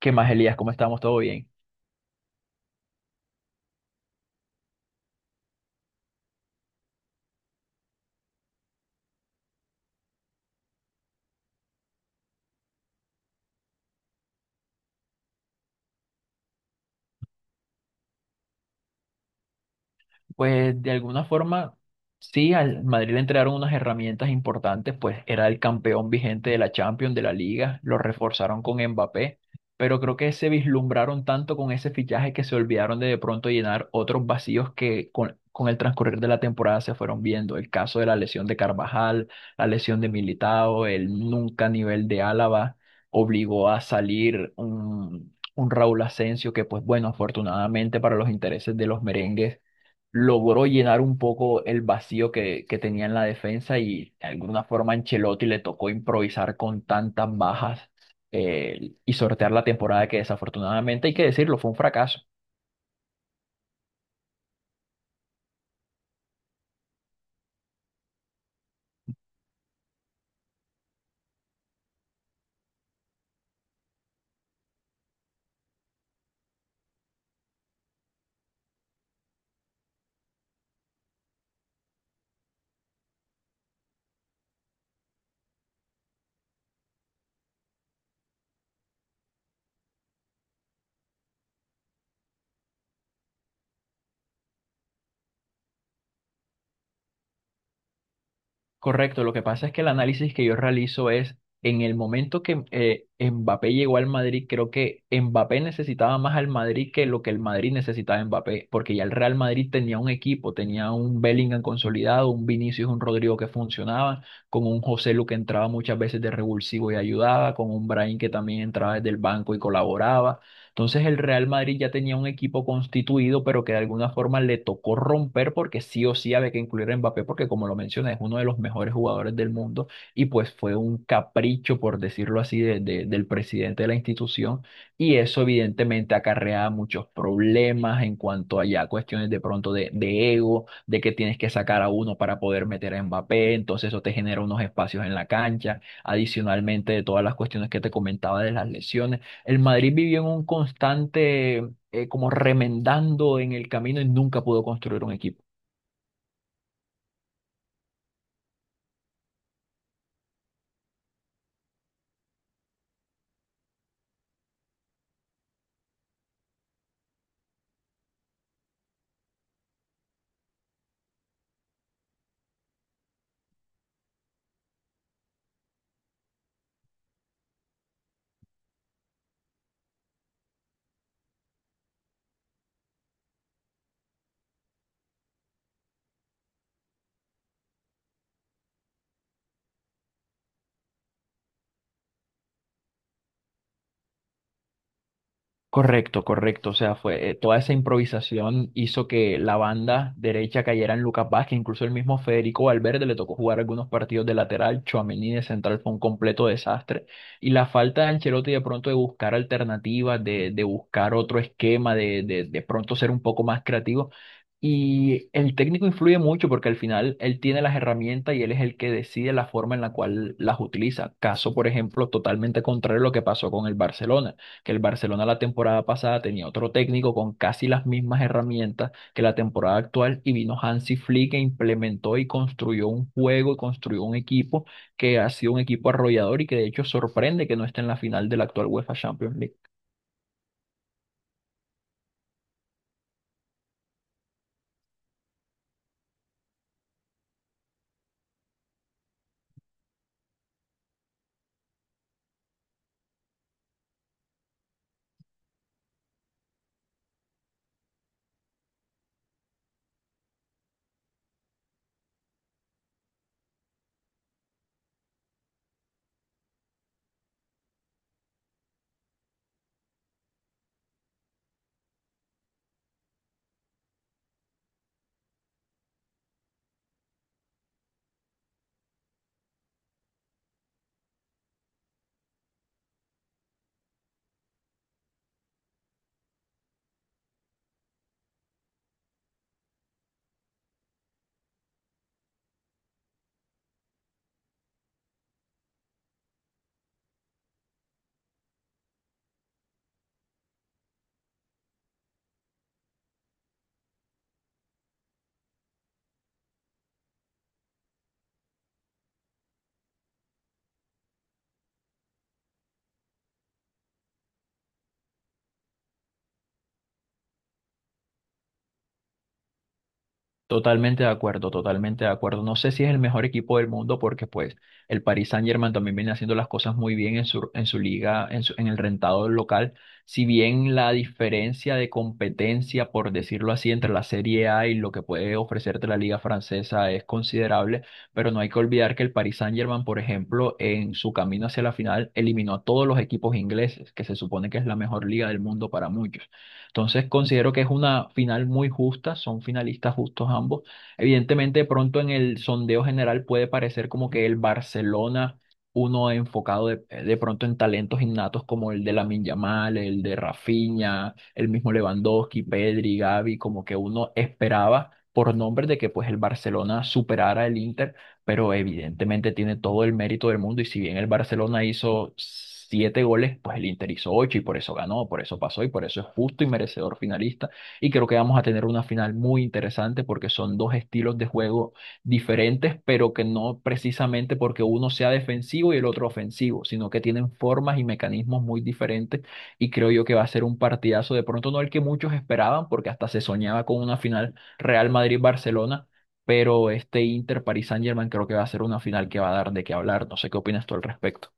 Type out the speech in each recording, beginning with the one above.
¿Qué más, Elías? ¿Cómo estamos? ¿Todo bien? Pues de alguna forma, sí, al Madrid le entregaron unas herramientas importantes, pues era el campeón vigente de la Champions, de la Liga, lo reforzaron con Mbappé, pero creo que se vislumbraron tanto con ese fichaje que se olvidaron de pronto llenar otros vacíos que con el transcurrir de la temporada se fueron viendo. El caso de la lesión de Carvajal, la lesión de Militao, el nunca nivel de Álava, obligó a salir un Raúl Asensio que, pues bueno, afortunadamente para los intereses de los merengues logró llenar un poco el vacío que tenía en la defensa y de alguna forma Ancelotti le tocó improvisar con tantas bajas y sortear la temporada que desafortunadamente, hay que decirlo, fue un fracaso. Correcto, lo que pasa es que el análisis que yo realizo es en el momento que Mbappé llegó al Madrid, creo que Mbappé necesitaba más al Madrid que lo que el Madrid necesitaba a Mbappé, porque ya el Real Madrid tenía un equipo, tenía un Bellingham consolidado, un Vinicius, un Rodrigo que funcionaban, con un José Lu que entraba muchas veces de revulsivo y ayudaba, con un Brahim que también entraba desde el banco y colaboraba. Entonces el Real Madrid ya tenía un equipo constituido, pero que de alguna forma le tocó romper porque sí o sí había que incluir a Mbappé, porque como lo mencioné, es uno de los mejores jugadores del mundo y pues fue un capricho, por decirlo así, del presidente de la institución y eso evidentemente acarrea muchos problemas en cuanto a ya cuestiones de pronto de ego, de que tienes que sacar a uno para poder meter a Mbappé, entonces eso te genera unos espacios en la cancha, adicionalmente de todas las cuestiones que te comentaba de las lesiones. El Madrid vivió en un constante, como remendando en el camino y nunca pudo construir un equipo. Correcto, correcto. O sea, fue toda esa improvisación hizo que la banda derecha cayera en Lucas Vázquez, incluso el mismo Federico Valverde le tocó jugar algunos partidos de lateral, Tchouaméni de central fue un completo desastre. Y la falta de Ancelotti de pronto de buscar alternativas, de buscar otro esquema, de pronto ser un poco más creativo. Y el técnico influye mucho porque al final él tiene las herramientas y él es el que decide la forma en la cual las utiliza. Caso, por ejemplo, totalmente contrario a lo que pasó con el Barcelona que el Barcelona la temporada pasada tenía otro técnico con casi las mismas herramientas que la temporada actual y vino Hansi Flick e implementó y construyó un juego y construyó un equipo que ha sido un equipo arrollador y que de hecho sorprende que no esté en la final de la actual UEFA Champions League. Totalmente de acuerdo, totalmente de acuerdo. No sé si es el mejor equipo del mundo porque pues el Paris Saint-Germain también viene haciendo las cosas muy bien en su liga, en su- en el rentado local. Si bien la diferencia de competencia, por decirlo así, entre la Serie A y lo que puede ofrecerte la liga francesa es considerable, pero no hay que olvidar que el Paris Saint-Germain, por ejemplo, en su camino hacia la final eliminó a todos los equipos ingleses, que se supone que es la mejor liga del mundo para muchos. Entonces considero que es una final muy justa, son finalistas justos ambos. Evidentemente, de pronto en el sondeo general puede parecer como que el Barcelona, uno enfocado de pronto en talentos innatos como el de Lamine Yamal, el de Rafinha, el mismo Lewandowski, Pedri, Gavi, como que uno esperaba por nombres de que pues el Barcelona superara el Inter, pero evidentemente tiene todo el mérito del mundo y si bien el Barcelona hizo siete goles, pues el Inter hizo ocho y por eso ganó, por eso pasó y por eso es justo y merecedor finalista. Y creo que vamos a tener una final muy interesante porque son dos estilos de juego diferentes, pero que no precisamente porque uno sea defensivo y el otro ofensivo, sino que tienen formas y mecanismos muy diferentes y creo yo que va a ser un partidazo, de pronto no el que muchos esperaban porque hasta se soñaba con una final Real Madrid-Barcelona, pero este Inter París Saint-Germain creo que va a ser una final que va a dar de qué hablar. No sé qué opinas tú al respecto.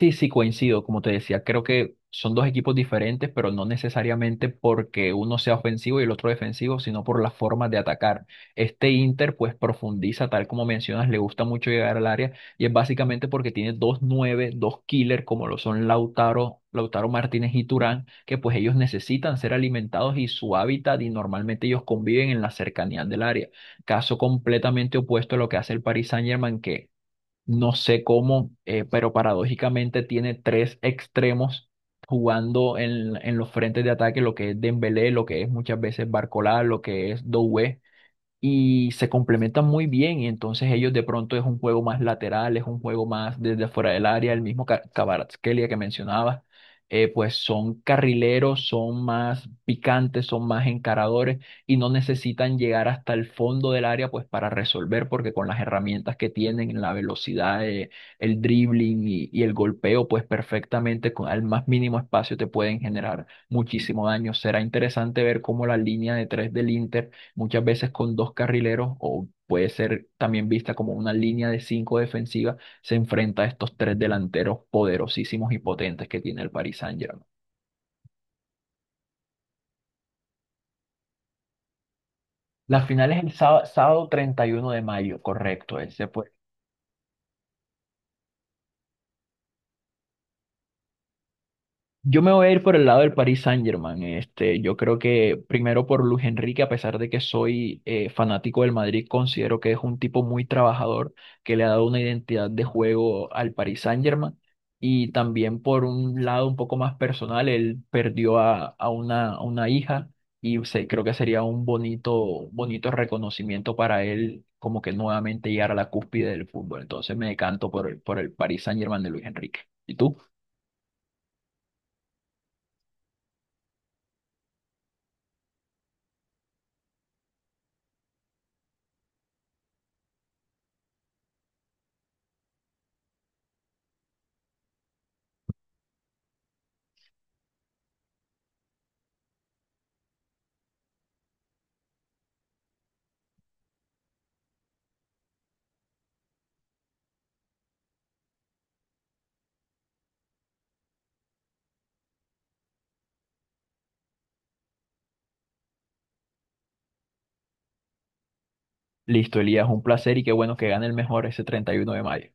Sí, sí, coincido, como te decía, creo que son dos equipos diferentes, pero no necesariamente porque uno sea ofensivo y el otro defensivo, sino por las formas de atacar. Este Inter pues profundiza, tal como mencionas, le gusta mucho llegar al área y es básicamente porque tiene dos nueve, dos killer como lo son Lautaro Martínez y Turán, que pues ellos necesitan ser alimentados y su hábitat y normalmente ellos conviven en la cercanía del área. Caso completamente opuesto a lo que hace el Paris Saint-Germain, que no sé cómo, pero paradójicamente tiene tres extremos jugando en los frentes de ataque, lo que es Dembélé, lo que es muchas veces Barcola, lo que es Doué y se complementan muy bien y entonces ellos de pronto es un juego más lateral, es un juego más desde fuera del área, el mismo Kvaratskhelia que mencionabas, pues son carrileros, son más picantes, son más encaradores y no necesitan llegar hasta el fondo del área pues para resolver porque con las herramientas que tienen, la velocidad, el dribbling y el golpeo pues perfectamente con al más mínimo espacio te pueden generar muchísimo daño. Será interesante ver cómo la línea de tres del Inter muchas veces con dos carrileros o puede ser también vista como una línea de cinco defensiva, se enfrenta a estos tres delanteros poderosísimos y potentes que tiene el Paris Saint-Germain. La final es el sábado, 31 de mayo, correcto. Ese fue. Yo me voy a ir por el lado del Paris Saint-Germain. Este, yo creo que primero por Luis Enrique, a pesar de que soy fanático del Madrid, considero que es un tipo muy trabajador que le ha dado una identidad de juego al Paris Saint-Germain. Y también por un lado un poco más personal, él perdió a una hija y creo que sería un bonito, bonito reconocimiento para él, como que nuevamente llegar a la cúspide del fútbol. Entonces me decanto por el Paris Saint-Germain de Luis Enrique. ¿Y tú? Listo, Elías, un placer y qué bueno que gane el mejor ese 31 de mayo.